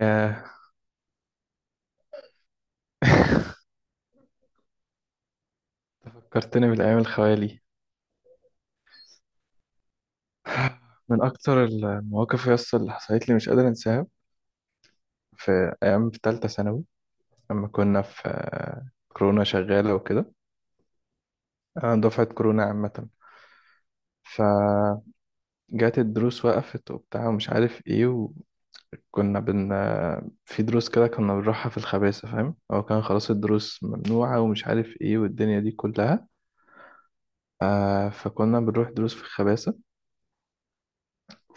ياه. فكرتني بالأيام الخوالي. من أكتر المواقف يس اللي حصلت لي مش قادر أنساها، في أيام في تالتة ثانوي لما كنا في كورونا شغالة وكده. أنا دفعة كورونا عامة، فجات الدروس وقفت وبتاع ومش عارف إيه. وكنا بن آه، في دروس كده كنا بنروحها في الخباثة، فاهم؟ هو كان خلاص الدروس ممنوعة ومش عارف إيه والدنيا دي كلها. فكنا بنروح دروس في الخباثة.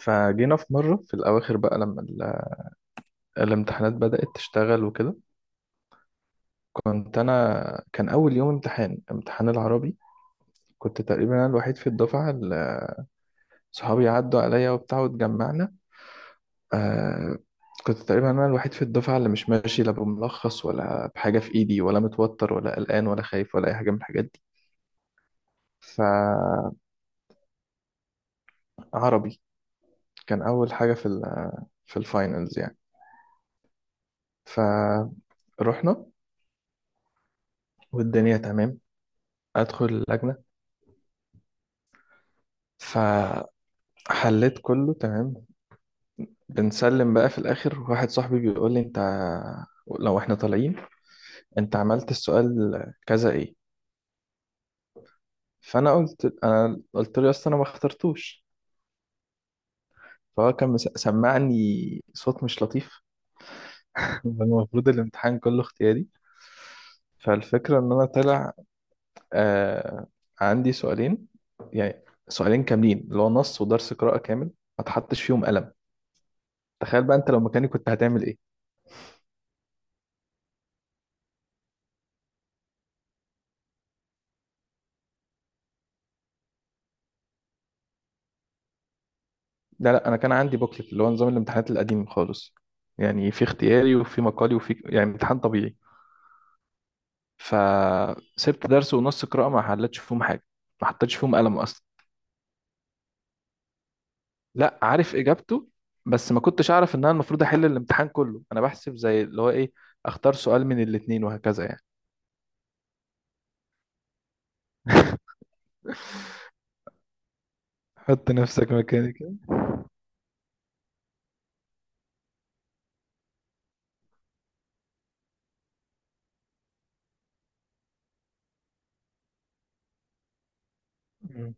فجينا في مرة في الأواخر بقى لما الامتحانات بدأت تشتغل وكده. كنت أنا، كان أول يوم امتحان امتحان العربي. كنت تقريبا أنا الوحيد في الدفعة اللي صحابي عدوا عليا وبتاع واتجمعنا. آه كنت تقريبا أنا الوحيد في الدفعة اللي مش ماشي لا بملخص ولا بحاجة في إيدي ولا متوتر ولا قلقان ولا خايف ولا أي حاجة من الحاجات دي. فعربي كان أول حاجة في في الفاينلز يعني. فروحنا والدنيا تمام، أدخل اللجنة، فحليت كله تمام. بنسلم بقى في الآخر، واحد صاحبي بيقول لي: أنت لو إحنا طالعين، أنت عملت السؤال كذا إيه؟ فأنا قلت له أصل أنا ما اخترتوش. فهو كان سمعني صوت مش لطيف. المفروض الامتحان كله اختياري. فالفكرة إن أنا طلع آه عندي سؤالين يعني، سؤالين كاملين اللي هو نص ودرس قراءة كامل ما اتحطش فيهم قلم. تخيل بقى أنت لو مكاني كنت هتعمل إيه؟ لا لا، انا كان عندي بوكلت اللي هو نظام الامتحانات القديم خالص، يعني في اختياري وفي مقالي وفي يعني امتحان طبيعي. فسبت درس ونص قراءة ما حلتش فيهم حاجة، ما حطيتش فيهم قلم اصلا. لا، عارف اجابته بس ما كنتش اعرف ان انا المفروض احل الامتحان كله. انا بحسب زي اللي هو ايه، اختار سؤال من الاتنين وهكذا يعني. حط نفسك مكاني كده. مم.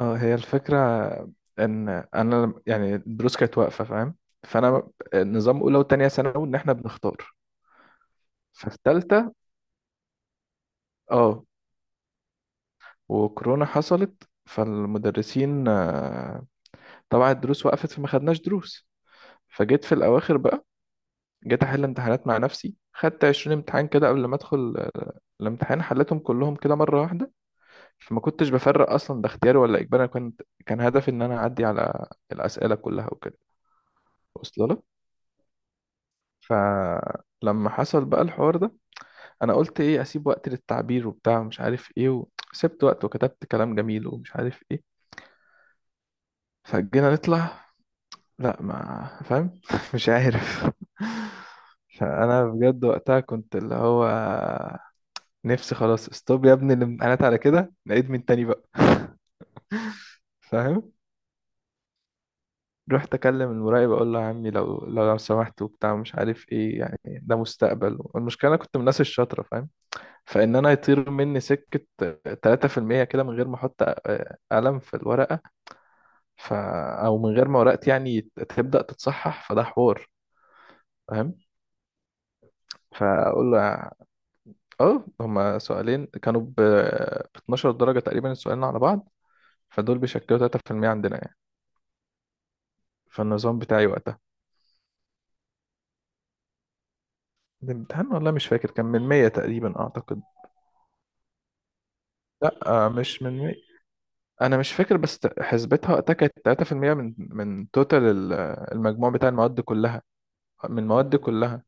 اه، هي الفكرة ان انا لم- يعني الدروس كانت واقفة، فاهم؟ فانا نظام اولى وتانية ثانوي ان احنا بنختار. ففي تالتة اه وكورونا حصلت، فالمدرسين طبعا الدروس وقفت فما خدناش دروس. فجيت في الاواخر بقى، جيت احل امتحانات مع نفسي، خدت 20 امتحان كده قبل ما ادخل الامتحان، حليتهم كلهم كده مره واحده. فما كنتش بفرق اصلا ده اختياري ولا اجباري، أنا كنت كان هدفي ان انا اعدي على الاسئله كلها وكده. واصله لك؟ فلما حصل بقى الحوار ده، انا قلت ايه، اسيب وقت للتعبير وبتاع ومش عارف ايه، وسبت وقت وكتبت كلام جميل ومش عارف ايه. فجينا نطلع، لا ما فاهم. مش عارف. فانا بجد وقتها كنت اللي هو نفسي خلاص استوب يا ابني الامتحانات على كده، نعيد من تاني بقى. فاهم؟ رحت اكلم المراقب اقول له يا عمي، لو سمحت وبتاع مش عارف ايه، يعني ده مستقبل. والمشكله انا كنت من الناس الشاطره، فاهم؟ فان انا يطير مني سكه 3% كده من غير ما احط قلم في الورقه، ف او من غير ما ورقتي يعني تبدا تتصحح، فده حوار، فاهم؟ فاقول له اه، هما سؤالين كانوا ب 12 درجة تقريبا السؤالين على بعض، فدول بيشكلوا 3% عندنا يعني، فالنظام بتاعي وقتها. الامتحان والله مش فاكر كان من 100 تقريبا أعتقد. آه، مش من 100، أنا مش فاكر بس حسبتها وقتها كانت 3% من توتال المجموع بتاع المواد كلها، من المواد كلها.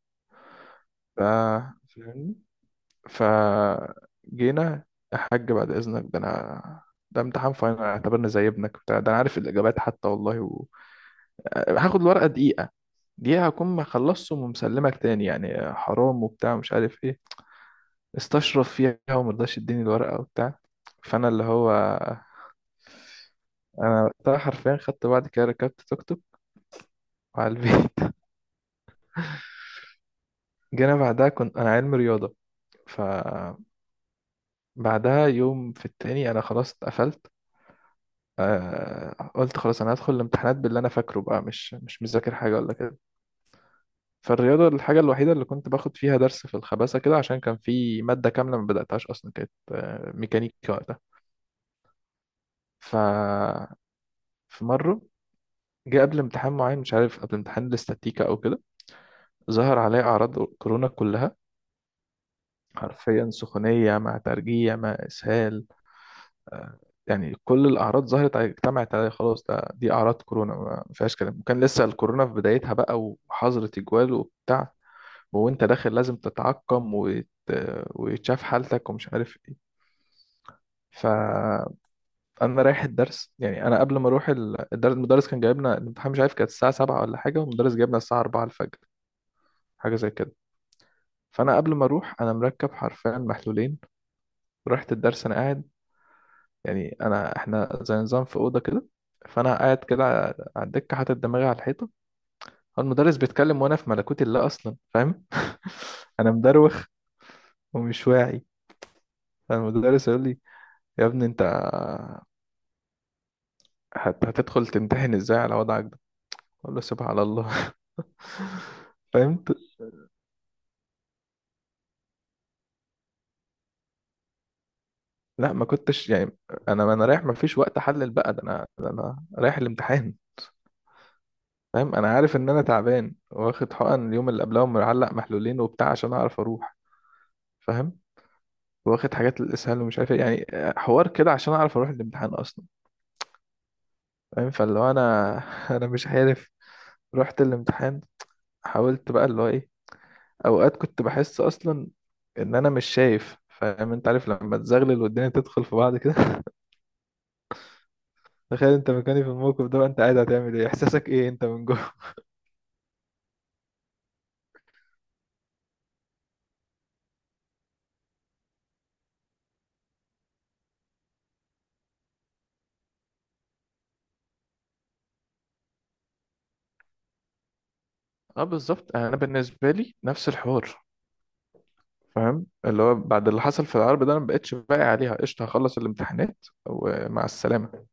ف فاهمني؟ ف جينا: يا حاج بعد إذنك، ده أنا، ده امتحان فاينل، اعتبرني زي ابنك بتاع، ده أنا عارف الإجابات حتى والله و... هاخد الورقة دقيقة دي، هكون ما خلصت ومسلمك تاني يعني، حرام وبتاع ومش عارف ايه. استشرف فيها وما رضاش يديني الورقة وبتاع. فانا اللي هو انا وقتها حرفيا خدت، بعد كده ركبت توك توك وعلى البيت. جينا بعدها كنت انا علم رياضة. فبعدها يوم في التاني انا خلاص اتقفلت، قلت خلاص انا هدخل الامتحانات باللي انا فاكره بقى، مش مذاكر حاجة ولا كده. فالرياضة الحاجة الوحيدة اللي كنت باخد فيها درس في الخباثة كده، عشان كان في مادة كاملة ما بدأتهاش أصلا، كانت ميكانيكا. ف في مرة جه قبل امتحان معين مش عارف، قبل امتحان الاستاتيكا أو كده، ظهر عليه أعراض كورونا كلها، حرفيا سخونية مع ترجيع مع إسهال، آه، يعني كل الأعراض ظهرت عليه اجتمعت عليه، خلاص ده دي أعراض كورونا ما فيهاش كلام. وكان لسه الكورونا في بدايتها بقى وحظر تجوال وبتاع، وأنت داخل لازم تتعقم وت... ويتشاف حالتك ومش عارف إيه. انا رايح الدرس يعني، انا قبل ما اروح الدرس، المدرس كان جايبنا الامتحان، مش عارف كانت الساعه 7 ولا حاجه، والمدرس جايبنا الساعه 4 الفجر، حاجه زي كده. فانا قبل ما اروح انا مركب حرفيا محلولين، ورحت الدرس انا قاعد، يعني انا احنا زي نظام في اوضه كده، فانا قاعد كده على الدكه حاطط دماغي على الحيطه، المدرس بيتكلم وانا في ملكوت الله اصلا، فاهم؟ انا مدروخ ومش واعي، فالمدرس يقول لي: يا ابني انت هتدخل تمتحن ازاي على وضعك ده؟ اقول له سبحان الله. فاهم؟ لا ما كنتش يعني، انا رايح، ما فيش وقت احلل بقى ده، انا ده انا رايح الامتحان، فاهم؟ انا عارف ان انا تعبان، واخد حقن اليوم اللي قبلها ومعلق محلولين وبتاع عشان اعرف اروح. فاهم؟ واخد حاجات للاسهال ومش عارف إيه، يعني حوار كده عشان اعرف اروح الامتحان اصلا، فاهم؟ فاللي هو انا، انا مش عارف، رحت الامتحان، حاولت بقى اللي هو ايه. اوقات كنت بحس اصلا ان انا مش شايف، فاهم؟ انت عارف لما تزغلل والدنيا تدخل في بعض كده. تخيل انت مكاني في الموقف ده بقى، انت قاعد هتعمل ايه، احساسك ايه انت من جوه؟ اه بالظبط، يعني انا بالنسبه لي نفس الحوار، اللي هو بعد اللي حصل في العرب ده انا ما بقتش باقي عليها قشطه، هخلص الامتحانات ومع السلامه.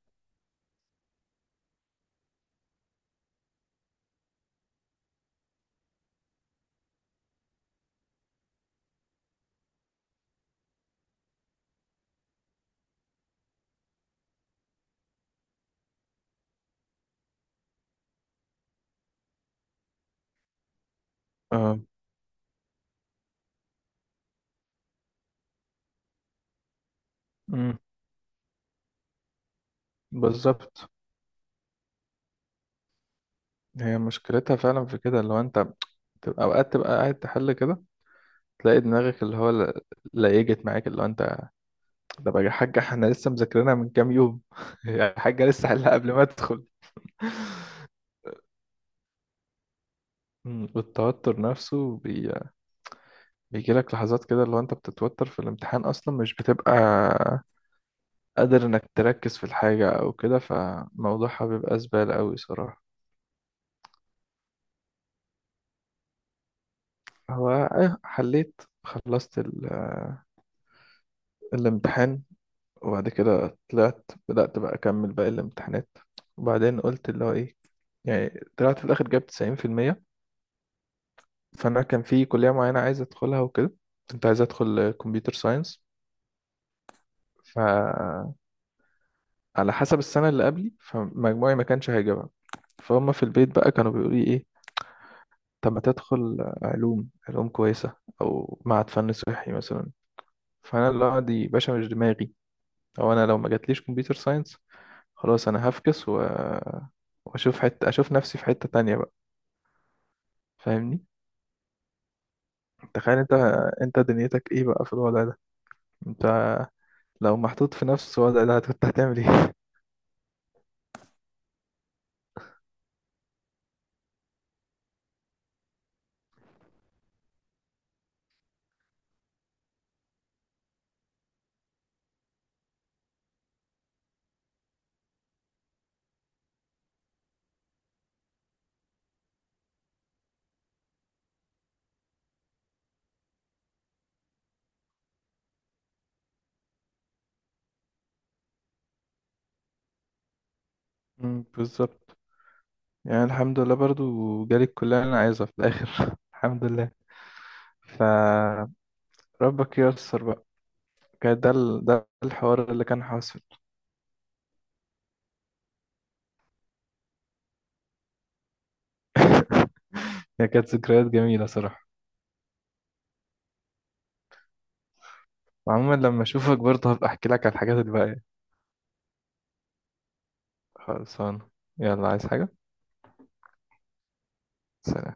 اه، امم بالظبط، هي مشكلتها فعلا في كده، اللي هو انت تبقى اوقات تبقى قاعد تحل كده، تلاقي دماغك اللي هو ليجت معاك، اللي هو انت، ده بقى يا حاجه احنا لسه مذاكرينها من كام يوم. يا حاجه لسه حلها قبل ما ادخل. والتوتر نفسه بيجيلك لحظات كده اللي هو انت بتتوتر في الامتحان اصلا، مش بتبقى قادر انك تركز في الحاجة او كده، فموضوعها بيبقى زبالة قوي صراحة. هو إيه، حليت خلصت الامتحان، وبعد كده طلعت بدأت بقى اكمل باقي الامتحانات. وبعدين قلت اللي هو ايه، يعني طلعت في الاخر جايب 90%. فانا كان في كلية معينة عايز ادخلها وكده، كنت عايز ادخل كمبيوتر ساينس. فعلى حسب السنة اللي قبلي فمجموعي ما كانش هيجيبها. فهم في البيت بقى كانوا بيقولوا لي إيه، طب ما تدخل علوم، علوم كويسة أو معهد فن صحي مثلا. فأنا لا دي باشا مش دماغي، أو أنا لو ما جاتليش كمبيوتر ساينس خلاص أنا هفكس و... وأشوف حتة، أشوف نفسي في حتة تانية بقى، فاهمني؟ تخيل أنت، أنت دنيتك إيه بقى في الوضع ده، أنت لو محطوط في نفس الوضع ده كنت هتعمل إيه؟ بالظبط. يعني الحمد لله برضو جالي الكلية اللي أنا عايزها في الآخر. الحمد لله، فربك ييسر بقى. كان ده ده الحوار اللي كان حاصل. هي كانت ذكريات جميلة صراحة. وعموما لما أشوفك برضه هبقى أحكي لك على الحاجات الباقية. خلصانة، يلا عايز حاجة؟ سلام.